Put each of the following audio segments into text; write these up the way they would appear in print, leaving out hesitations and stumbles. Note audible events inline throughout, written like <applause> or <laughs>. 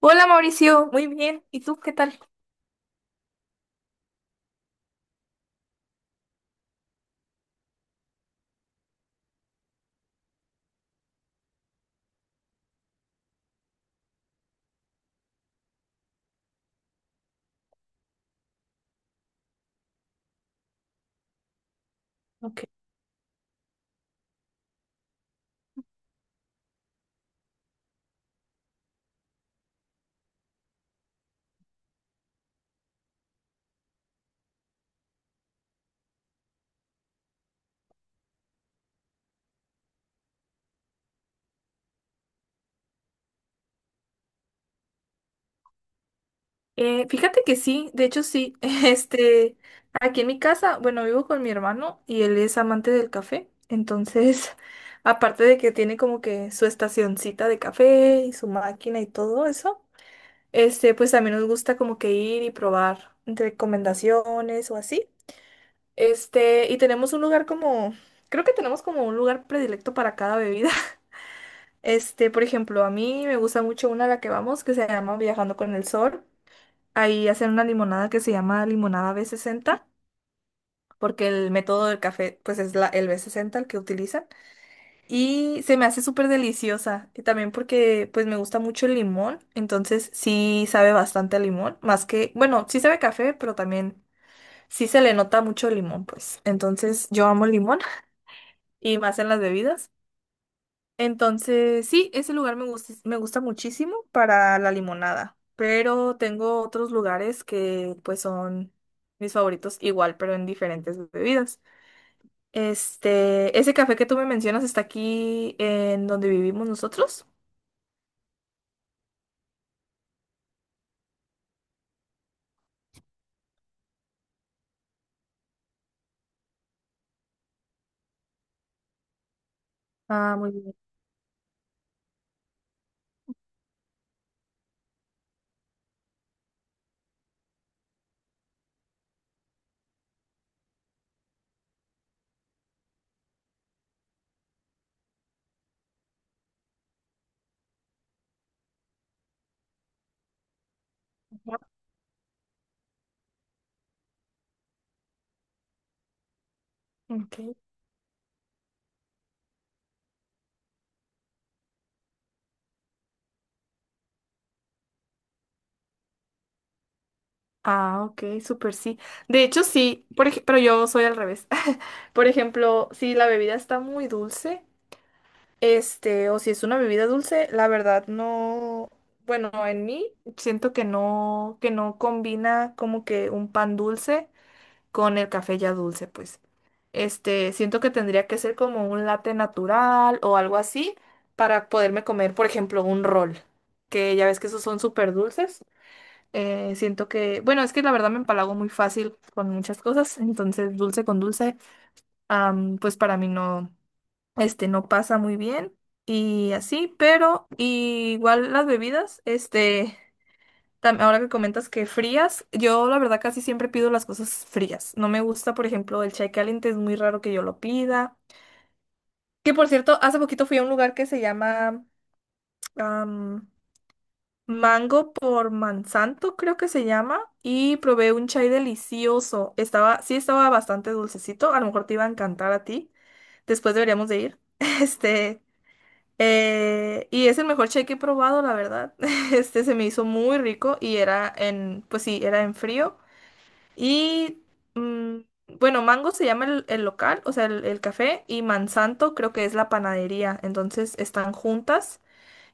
Hola Mauricio, muy bien. ¿Y tú qué tal? Ok. Fíjate que sí, de hecho sí. <laughs> Aquí en mi casa, bueno, vivo con mi hermano y él es amante del café. Entonces, <laughs> aparte de que tiene como que su estacioncita de café y su máquina y todo eso, pues también nos gusta como que ir y probar recomendaciones o así. Y tenemos un lugar como, creo que tenemos como un lugar predilecto para cada bebida. <laughs> Por ejemplo, a mí me gusta mucho una a la que vamos que se llama Viajando con el Sol. Ahí hacen una limonada que se llama limonada B60, porque el método del café pues es la, el B60 el que utilizan. Y se me hace súper deliciosa. Y también porque pues me gusta mucho el limón, entonces sí sabe bastante a limón, más que, bueno, sí sabe a café, pero también sí se le nota mucho el limón, pues. Entonces yo amo el limón <laughs> y más en las bebidas. Entonces, sí, ese lugar me gusta muchísimo para la limonada, pero tengo otros lugares que pues son mis favoritos igual, pero en diferentes bebidas. Ese café que tú me mencionas está aquí en donde vivimos nosotros. Ah, muy bien. Ajá, ok. Ah, ok, súper sí. De hecho, sí, pero yo soy al revés. <laughs> Por ejemplo, si la bebida está muy dulce. O si es una bebida dulce, la verdad no, bueno, en mí siento que no combina como que un pan dulce con el café ya dulce, pues. Siento que tendría que ser como un latte natural o algo así para poderme comer, por ejemplo, un rol, que ya ves que esos son súper dulces. Siento que, bueno, es que la verdad me empalago muy fácil con muchas cosas, entonces dulce con dulce, pues para mí no no pasa muy bien y así, pero igual las bebidas, ahora que comentas que frías, yo la verdad casi siempre pido las cosas frías. No me gusta, por ejemplo, el chai caliente, es muy raro que yo lo pida. Que por cierto, hace poquito fui a un lugar que se llama am, Mango por Mansanto, creo que se llama, y probé un chai delicioso. Estaba, sí estaba bastante dulcecito, a lo mejor te iba a encantar a ti. Después deberíamos de ir. <laughs> Este, y es el mejor cheque que he probado, la verdad. <laughs> Este se me hizo muy rico y era en, pues sí, era en frío. Y mm, bueno, Mango se llama el local, o sea, el café, y Mansanto creo que es la panadería. Entonces están juntas.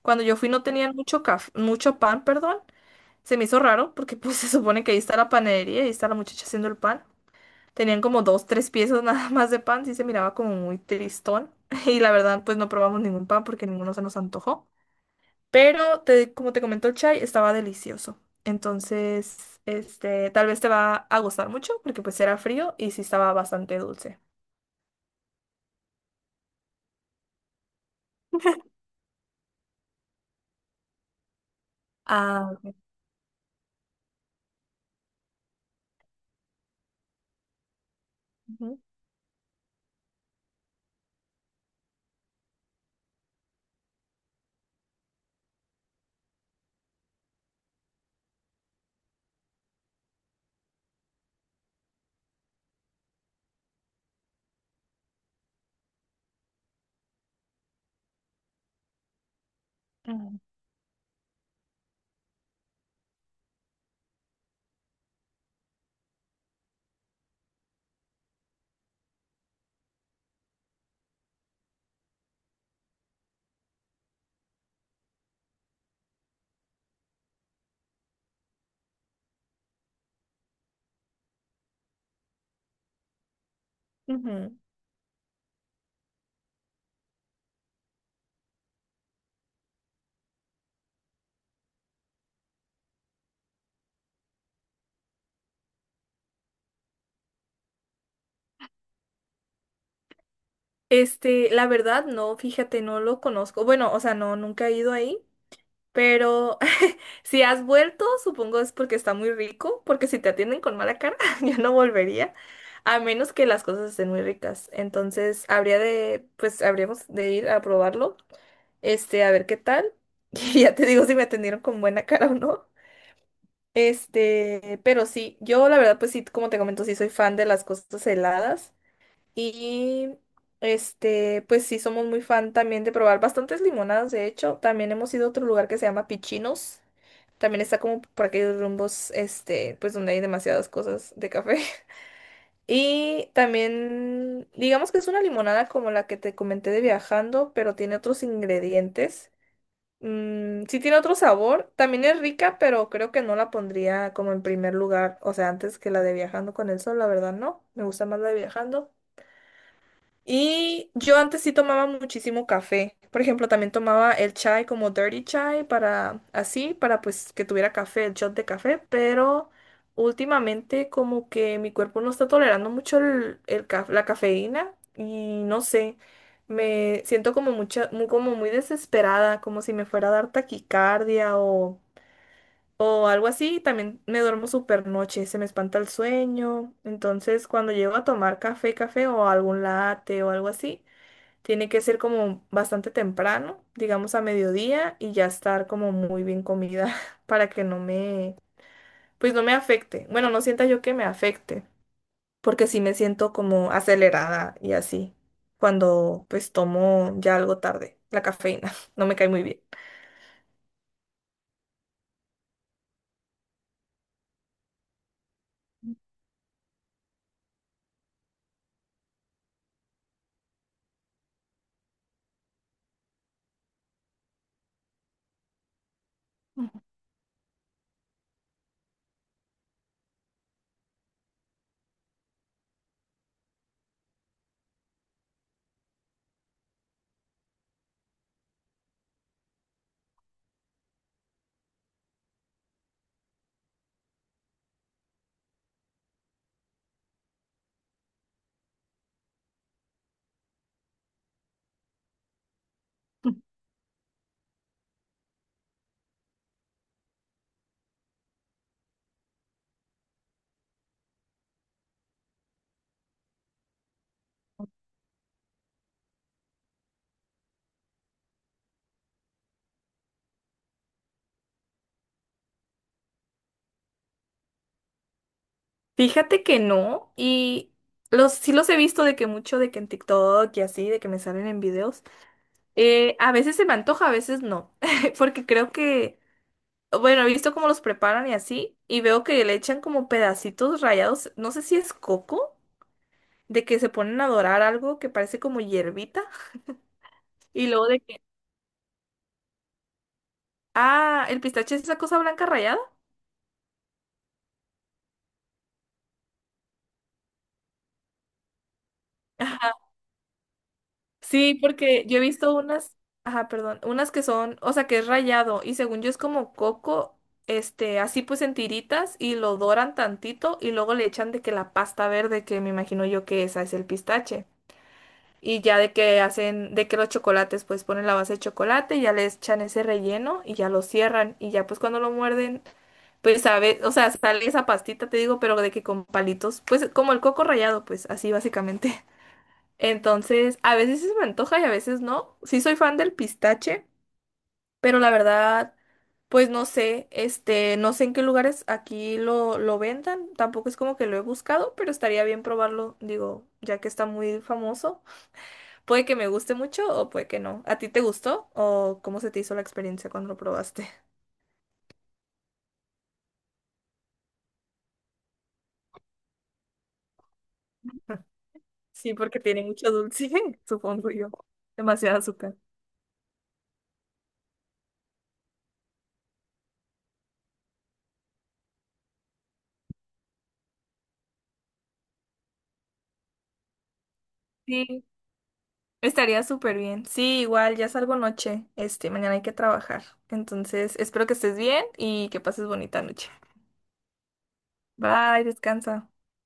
Cuando yo fui no tenían mucho pan, perdón. Se me hizo raro porque pues <laughs> se supone que ahí está la panadería y ahí está la muchacha haciendo el pan. Tenían como dos, tres piezas <laughs> nada más de pan, sí se miraba como muy tristón. <laughs> Y la verdad, pues no probamos ningún pan porque ninguno se nos antojó. Pero como te comentó el chai, estaba delicioso. Entonces, tal vez te va a gustar mucho porque pues era frío y sí estaba bastante dulce. <laughs> Ah, ujú, ujú, ujú. La verdad, no, fíjate, no lo conozco. Bueno, o sea, no, nunca he ido ahí, pero <laughs> si has vuelto, supongo es porque está muy rico, porque si te atienden con mala cara, <laughs> yo no volvería, a menos que las cosas estén muy ricas. Entonces, habría de, pues, habríamos de ir a probarlo. A ver qué tal. <laughs> Y ya te digo si me atendieron con buena cara o no. Pero sí, yo la verdad, pues sí, como te comento, sí soy fan de las cosas heladas. Y pues sí, somos muy fan también de probar bastantes limonadas. De hecho, también hemos ido a otro lugar que se llama Pichinos. También está como por aquellos rumbos, pues donde hay demasiadas cosas de café. <laughs> Y también, digamos que es una limonada como la que te comenté de viajando, pero tiene otros ingredientes. Mm, sí tiene otro sabor, también es rica, pero creo que no la pondría como en primer lugar, o sea, antes que la de Viajando con el Sol, la verdad no, me gusta más la de Viajando. Y yo antes sí tomaba muchísimo café. Por ejemplo, también tomaba el chai como dirty chai para así, para pues que tuviera café, el shot de café, pero últimamente como que mi cuerpo no está tolerando mucho la cafeína y no sé, me siento como mucha, muy, como muy desesperada, como si me fuera a dar taquicardia o algo así, también me duermo súper noche, se me espanta el sueño. Entonces, cuando llego a tomar café o algún latte o algo así, tiene que ser como bastante temprano, digamos a mediodía, y ya estar como muy bien comida <laughs> para que no me, pues no me afecte. Bueno, no sienta yo que me afecte, porque sí me siento como acelerada y así, cuando pues tomo ya algo tarde, la cafeína, <laughs> no me cae muy bien. Fíjate que no, y los sí los he visto de que mucho, de que en TikTok y así, de que me salen en videos. A veces se me antoja, a veces no, <laughs> porque creo que, bueno, he visto cómo los preparan y así, y veo que le echan como pedacitos rayados, no sé si es coco, de que se ponen a dorar algo que parece como hierbita, y luego de que, ah, el pistache es esa cosa blanca rayada. <laughs> Sí, porque yo he visto unas, ajá, perdón, unas que son, o sea, que es rayado y según yo es como coco, así pues en tiritas y lo doran tantito y luego le echan de que la pasta verde, que me imagino yo que esa es el pistache. Y ya de que hacen, de que los chocolates, pues ponen la base de chocolate y ya le echan ese relleno y ya lo cierran y ya pues cuando lo muerden, pues sabe, o sea, sale esa pastita, te digo, pero de que con palitos, pues como el coco rallado, pues así básicamente. Entonces, a veces sí se me antoja y a veces no. Sí soy fan del pistache, pero la verdad, pues no sé, no sé en qué lugares aquí lo vendan. Tampoco es como que lo he buscado, pero estaría bien probarlo, digo, ya que está muy famoso. Puede que me guste mucho o puede que no. ¿A ti te gustó o cómo se te hizo la experiencia cuando lo probaste? <laughs> Sí, porque tiene mucho dulce, <laughs> supongo yo. Demasiado azúcar. Sí. Estaría súper bien. Sí, igual ya salgo noche. Mañana hay que trabajar. Entonces, espero que estés bien y que pases bonita noche. Bye, descansa.